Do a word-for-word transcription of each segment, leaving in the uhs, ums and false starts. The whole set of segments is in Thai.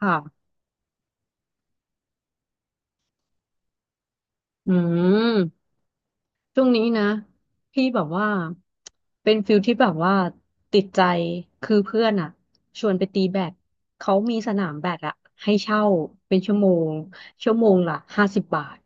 ค่ะ อืม ช่วงนี้นะ พี่แบบว่า เป็นฟิลที่แบบว่าติดใจ คือเพื่อนอ่ะ ชวนไปตีแบดเขามีสนามแบดอ่ะให้เช่าเป็นชั่วโมง ชั่วโมงละห้าสิบบาท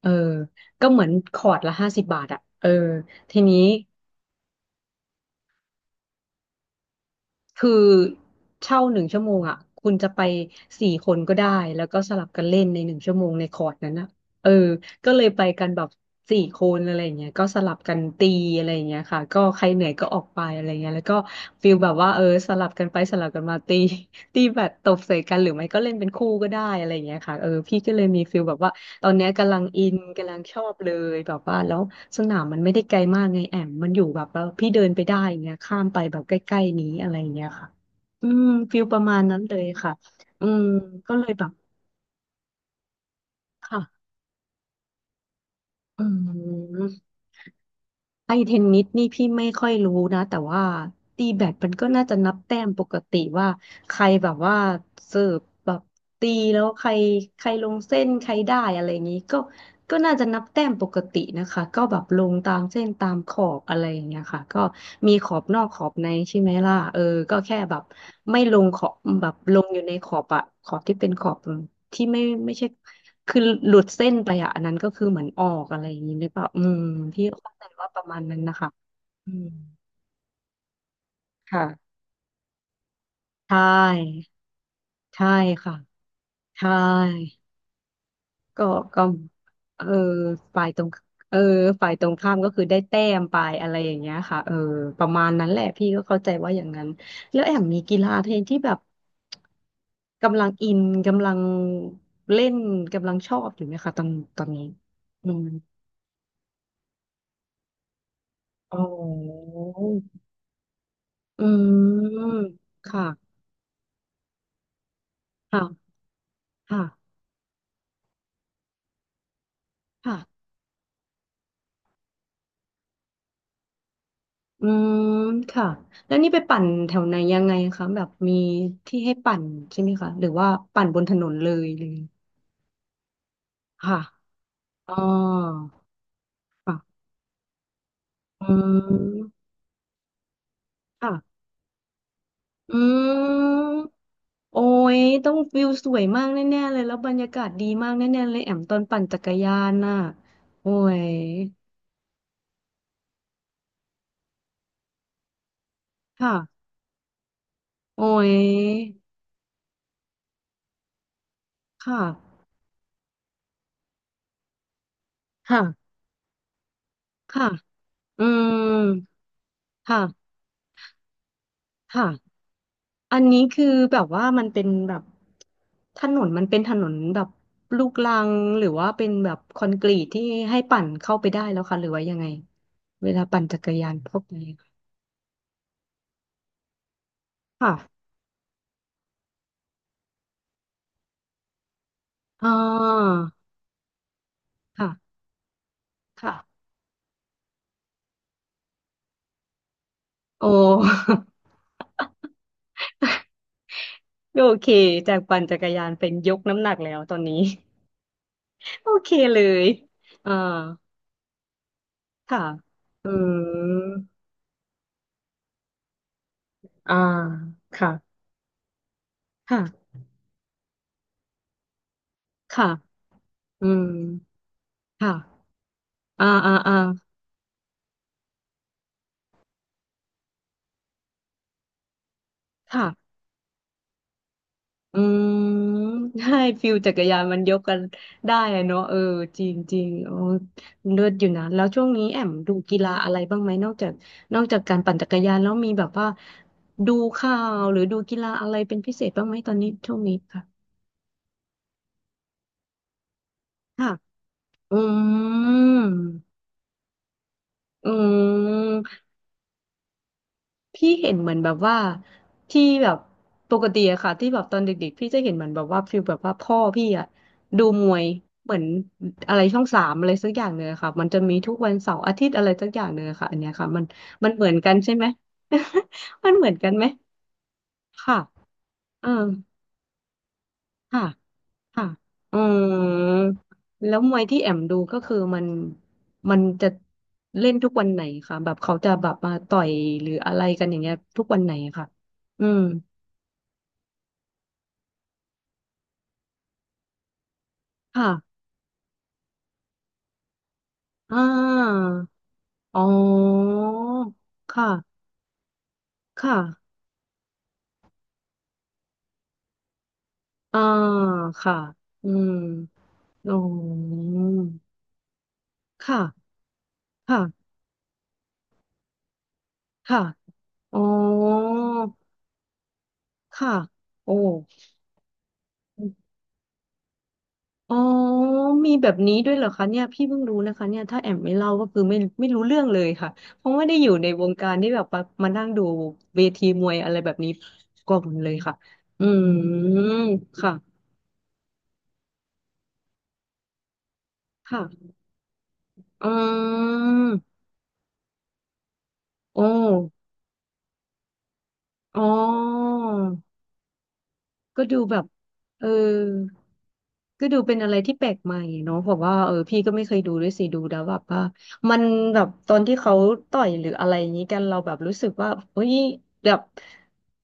เออ ก็เหมือนคอร์ตละห้าสิบบาทอ่ะ เออ ทีนี้ คือเช่าหนึ่งชั่วโมงอ่ะคุณจะไปสี่คนก็ได้แล้วก็สลับกันเล่นในหนึ่งชั่วโมงในคอร์สนั้นนะเออก็เลยไปกันแบบสี่คนอะไรอย่างเงี้ยก็สลับกันตีอะไรอย่างเงี้ยค่ะก็ใครเหนื่อยก็ออกไปอะไรเงี้ยแล้วก็ฟิลแบบว่าเออสลับกันไปสลับกันมาตีตีแบบตบใส่กันหรือไม่ก็เล่นเป็นคู่ก็ได้อะไรอย่างเงี้ยค่ะเออพี่ก็เลยมีฟิลแบบว่า ตอนเนี้ยกำลังอินกำลังชอบเลยแบบว่าแล้วสนามมันไม่ได้ไกลมากไงแอมมันอยู่แบบว่าพี่เดินไปได้อย่างเงี้ยข้ามไปแบบใกล้ๆนี้อะไรอย่างเงี้ยค่ะอืมฟิลประมาณนั้นเลยค่ะอืมก็เลยแบบค่ะอืมไอเทนนิสนี่พี่ไม่ค่อยรู้นะแต่ว่าตีแบดมันก็น่าจะนับแต้มปกติว่าใครแบบว่าเสิร์ฟแบบตีแล้วใครใครลงเส้นใครได้อะไรอย่างนี้ก็ ก็น่าจะนับแต้มปกตินะคะก็แบบลงตามเส้นตามขอบอะไรอย่างเงี้ยค่ะก็มีขอบนอกขอบในใช่ไหมล่ะเออก็แค่แบบไม่ลงขอบแบบลงอยู่ในขอบอะขอบที่เป็นขอบที่ไม่ไม่ใช่คือหลุดเส้นไปอะอันนั้นก็คือเหมือนออกอะไรอย่างนี้หรือเปล่าอืมพี่เข้าใจว่าประมาณนั้นนะคะอืมค่ะใช่ใช่ค่ะใช่ ก็ก็เออฝ่ายตรงเออฝ่ายตรงข้ามก็คือได้แต้มไปอะไรอย่างเงี้ยค่ะเออประมาณนั้นแหละพี่ก็เข้าใจว่าอย่างนั้นแล้วแอมมีกีฬาเทนที่แบบกำลังอินกำลังเล่นกำลังชอบอยู่ไหมคะตอนตอนนี้อืมอ๋ออืมค่ะค่ะค่ะค่ะอืมค่ะแล้วนี่ไปปั่นแถวไหนยังไงคะแบบมีที่ให้ปั่นใช่ไหมคะหรือว่าปั่นบนถนนเลยเลย ค่ะอ๋อค่ะอืมค่ะอืมโอ้ยต้องวิวสวยมากแน่ๆเลยแล้วบรรยากาศดีมากแน่ๆเลยแอมตอนปั่นจักรยานน่ะโอ้ยค่ะโอ้ยค่ะค่ะค่ะอืมค่ะค่ะอันนี้คือแบบว่ามันเป็นแบบถนนมันเป็นถนนแบบลูกรังหรือว่าเป็นแบบคอนกรีตที่ให้ปั่นเข้าไปได้แล้วค่ะหรือว่ายังไง เวลาปั่นจักรยานพวกนี้ค่ะอ่าค่ะ ค่ะ โอ้ โอเค จากปั่นจักรยานเป็นยกน้ำหนักแล้วตอนนี้ โอเคเลย อ่า ค่ะ อืม อ่า ค่ะ ค่ะค่ะอืม ค่ะ อ่าอ่าอ่าค่ะ อืม ใช่ฟิลจักรยานมันยกกันได้อะเนาะเออจริงจริงโอ้เลิศอยู่นะแล้วช่วงนี้แอมดูกีฬาอะไรบ้างไหมนอกจากนอกจากการปั่นจักรยานแล้วมีแบบว่าดูข่าวหรือดูกีฬาอะไรเป็นพิเศษบ้างไหมตอนนี้ช่วงนี้ค่ะค่ะอืมอืม พี่เห็นเหมือนแบบว่าที่แบบปกติอะค่ะที่แบบตอนเด็กๆพี่จะเห็นเหมือนแบบว่าฟีลแบบว่าพ่อพี่อะดูมวยเหมือนอะไรช่องสามอะไรสักอย่างเนื้อะค่ะมันจะมีทุกวันเสาร์อาทิตย์อะไรสักอย่างเนื้อะค่ะอันเนี้ยค่ะมันมันเหมือนกันใช่ไหม มันเหมือนกันไหมค่ะเออค่ะค่ะอืมแล้วมวยที่แอมดูก็คือมันมันจะเล่นทุกวันไหนคะแบบเขาจะแบบมาต่อยหรืออะไรกันอย่างเงี้ยทุกวันไหนคะอืม ค่ะอ่าอ๋อค่ะค่ะอ่าค่ะอืมอ๋อค่ะค่ะค่ะอ๋อค่ะโอ้อ๋อมีแบบนี้ด้วยเหรอคะเนี่ยพี่เพิ่งรู้นะคะเนี่ยถ้าแอมไม่เล่าก็คือไม่ไม่รู้เรื่องเลยค่ะเพราะไม่ได้อยู่ในวงการที่แบบมามานั่งดูเวทีมวยอะไรแบบนี้ก่อนเลยค่ะอืมค่ะค่ะอืมโอ้ อ๋อก็ดูแบบเออก็ดูเป็นอะไรที่แปลกใหม่เนาะบอกว่าเออพี่ก็ไม่เคยดูด้วยสิดูแล้วแบบว่ามันแบบตอนที่เขาต่อยหรืออะไรอย่างนี้กันเราแบบรู้สึกว่าเฮ้ยแบบ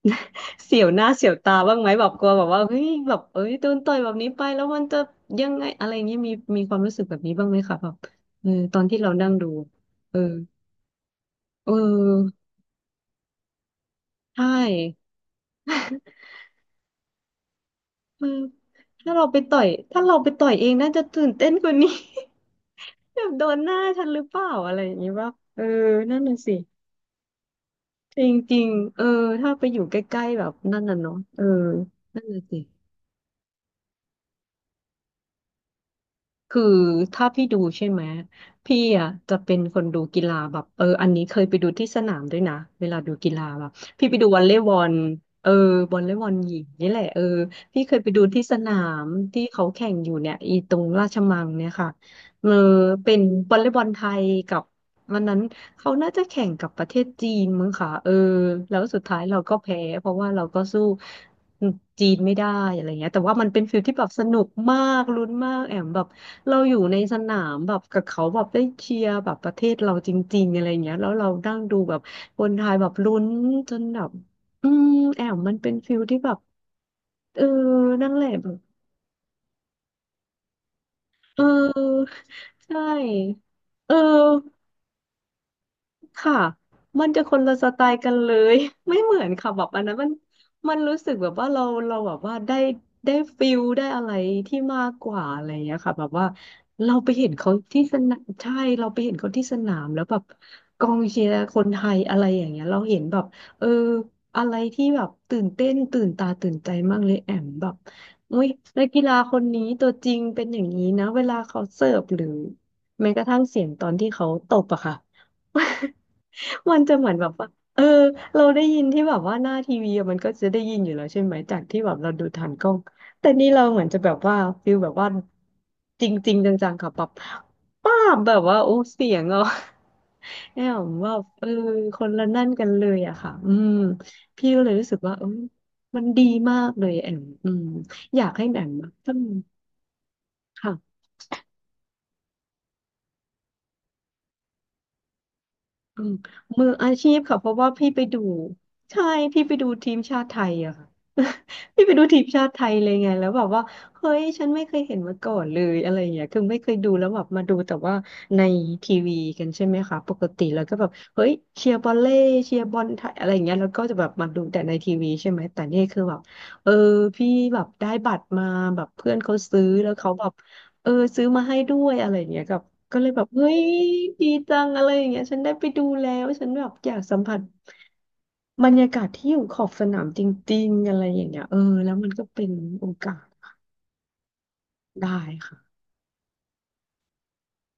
เสียวหน้าเสียวตาบ้างไหมแบบกลัวแบบว่าเฮ้ยแบบเอ้ยโดนต่อยแบบนี้ไปแล้วมันจะยังไงอะไรอย่างนี้มีมีความรู้สึกแบบนี้บ้างไหมคะแบบเออตอนที่เรานั่งดูเออเออใช่ เออถ้าเราไปต่อยถ้าเราไปต่อยเองน่าจะตื่นเต้นกว่านี้ แบบโดนหน้าฉันหรือเปล่าอะไรอย่างนี้ว่าเออนั่นน่ะสิจริงๆเออถ้าไปอยู่ใกล้ๆแบบนั่นน่ะเนาะเออนั่นน่ะสิ คือถ้าพี่ดูใช่ไหมพี่อ่ะจะเป็นคนดูกีฬาแบบเอออันนี้เคยไปดูที่สนามด้วยนะเวลาดูกีฬาแบบพี่ไปดูวอลเลย์บอลเออวอลเลย์บอลหญิงนี่แหละเออพี่เคยไปดูที่สนามที่เขาแข่งอยู่เนี่ยอีตรงราชมังเนี่ยค่ะเออเป็นวอลเลย์บอลไทยกับวันนั้นเขาน่าจะแข่งกับประเทศจีนมั้งค่ะเออแล้วสุดท้ายเราก็แพ้เพราะว่าเราก็สู้จีนไม่ได้อะไรเงี้ยแต่ว่ามันเป็นฟิลที่แบบสนุกมากลุ้นมากแอมแบบ เราอยู่ในสนามแบบกับเขาแบบได้เชียร์แบบประเทศเราจริงๆอะไรเงี้ยแล้วเรานั่งดูแบบคนไทยแบบลุ้นจนแบบอืมแอมมันเป็นฟิลที่แบบเออนั่นแหละแบบเออใช่เออ ค่ะ มันจะคนละสไตล์กันเลย ไม่เหมือนค่ะแบบอันนั้นมันมันรู้สึกแบบว่าเราเราแบบว่าได้ได้ฟิลได้อะไรที่มากกว่าอะไรอย่างเงี้ยค่ะแบบว่าเราไปเห็นเขาที่สนามใช่เราไปเห็นเขาที่สนามแล้วแบบกองเชียร์คนไทยอะไรอย่างเงี้ยเราเห็นแบบเอออะไรที่แบบตื่นเต้นตื่นตาตื่นใจมากเลยแอมแบบอุ้ยนักกีฬาคนนี้ตัวจริงเป็นอย่างนี้นะเวลาเขาเสิร์ฟหรือแม้กระทั่งเสียงตอนที่เขาตบอะค่ะ มันจะเหมือนแบบว่าเออเราได้ยินที่แบบว่าหน้าทีวีอะมันก็จะได้ยินอยู่แล้วใช่ไหมจากที่แบบเราดูทางกล้องแต่นี่เราเหมือนจะแบบว่าฟิลแบบว่าจริงๆจังๆค่ะแบบป้าบแบบว่าโอ้เสียงอ่ะ เอี่ยมว่าเออคนละนั่นกันเลยอะค่ะอืมพี่ก็เลยรู้สึกว่าเออมันดีมากเลยแอมอืมอยากให้แอมอะถ้ามีค่ะ อืมมืออาชีพค่ะเพราะว่าพี่ไปดูใช่พี่ไปดูทีมชาติไทยอะค่ะ พี่ไปดูทีมชาติไทยเลยไงแล้วแบบว่าเฮ้ยฉันไม่เคยเห็นมาก่อนเลยอะไรอย่างเงี้ยคือไม่เคยดูแล้วแบบมาดูแต่ว่าในทีวีกันใช่ไหมคะปกติแล้วก็แบบเฮ้ยเชียร์บอลเล่เชียร์บอลไทยอะไรอย่างเงี้ยแล้วก็จะแบบมาดูแต่ในทีวีใช่ไหมแต่นี่คือแบบเออพี่แบบได้บัตรมาแบบเพื่อนเขาซื้อแล้วเขาแบบ เออซื้อมาให้ด้วยอะไรอย่างเงี้ยกับก็เลยแบบเฮ้ยดีจังอะไรอย่างเงี้ยฉันได้ไปดูแล้วฉันแบบอยากสัมผัสบรรยากาศที่อยู่ขอบสนามจริงๆอะไรอย่างเงี้ยเออแล้วมันก็เป็นโอกาสได้ค่ะ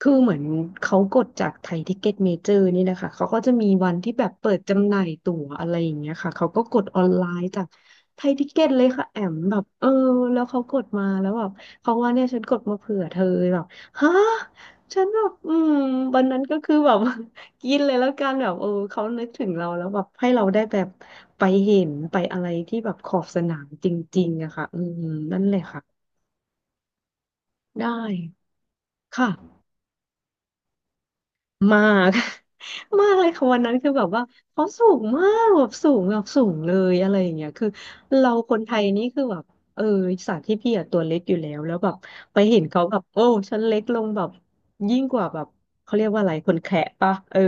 คือเหมือนเขากดจากไทยทิกเก็ตเมเจอร์นี่แหละค่ะเขาก็จะมีวันที่แบบเปิดจำหน่ายตั๋วอะไรอย่างเงี้ยค่ะเขาก็กดออนไลน์จากไทยทิกเก็ตเลยค่ะแอมแบบเออแล้วเขากดมาแล้วแบบเขาว่าเนี่ยฉันกดมาเผื่อเธอแบบฮะฉันแบบอืมวันนั้นก็คือแบบ กินเลยแล้วกันแบบเออเขานึกถึงเราแล้วแบบให้เราได้แบบไปเห็นไปอะไรที่แบบขอบสนามจริงๆอะค่ะอืมนั่นแหละค่ะได้ค่ะ มาก มากเลยค่ะวันนั้นคือแบบว่าเขาสูงมากแบบสูงแบบสูงเลยอะไรอย่างเงี้ยคือเราคนไทยนี่คือแบบเออสต์ที่พี่อะตัวเล็กอยู่แล้วแล้วแบบไปเห็นเขาแบบโอ้ฉันเล็กลงแบบยิ่งกว่าแบบเขาเรียกว่าอะไรคนแขะปะเออ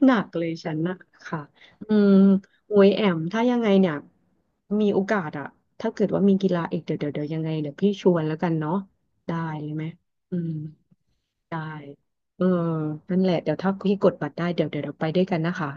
หนักเลยฉันนะค่ะอืมโอ้ยแอมถ้ายังไงเนี่ยมีโอกาสอะถ้าเกิดว่ามีกีฬาอีกเดี๋ยวเดี๋ยวเดี๋ยวยังไงเดี๋ยวพี่ชวนแล้วกันเนาะได้เลยไหมอืม ได้เออนั่นแหละเดี๋ยวถ้าพี่กดบัตรได้เดี๋ยวเดี๋ยวเราไปด้วยกันนะคะ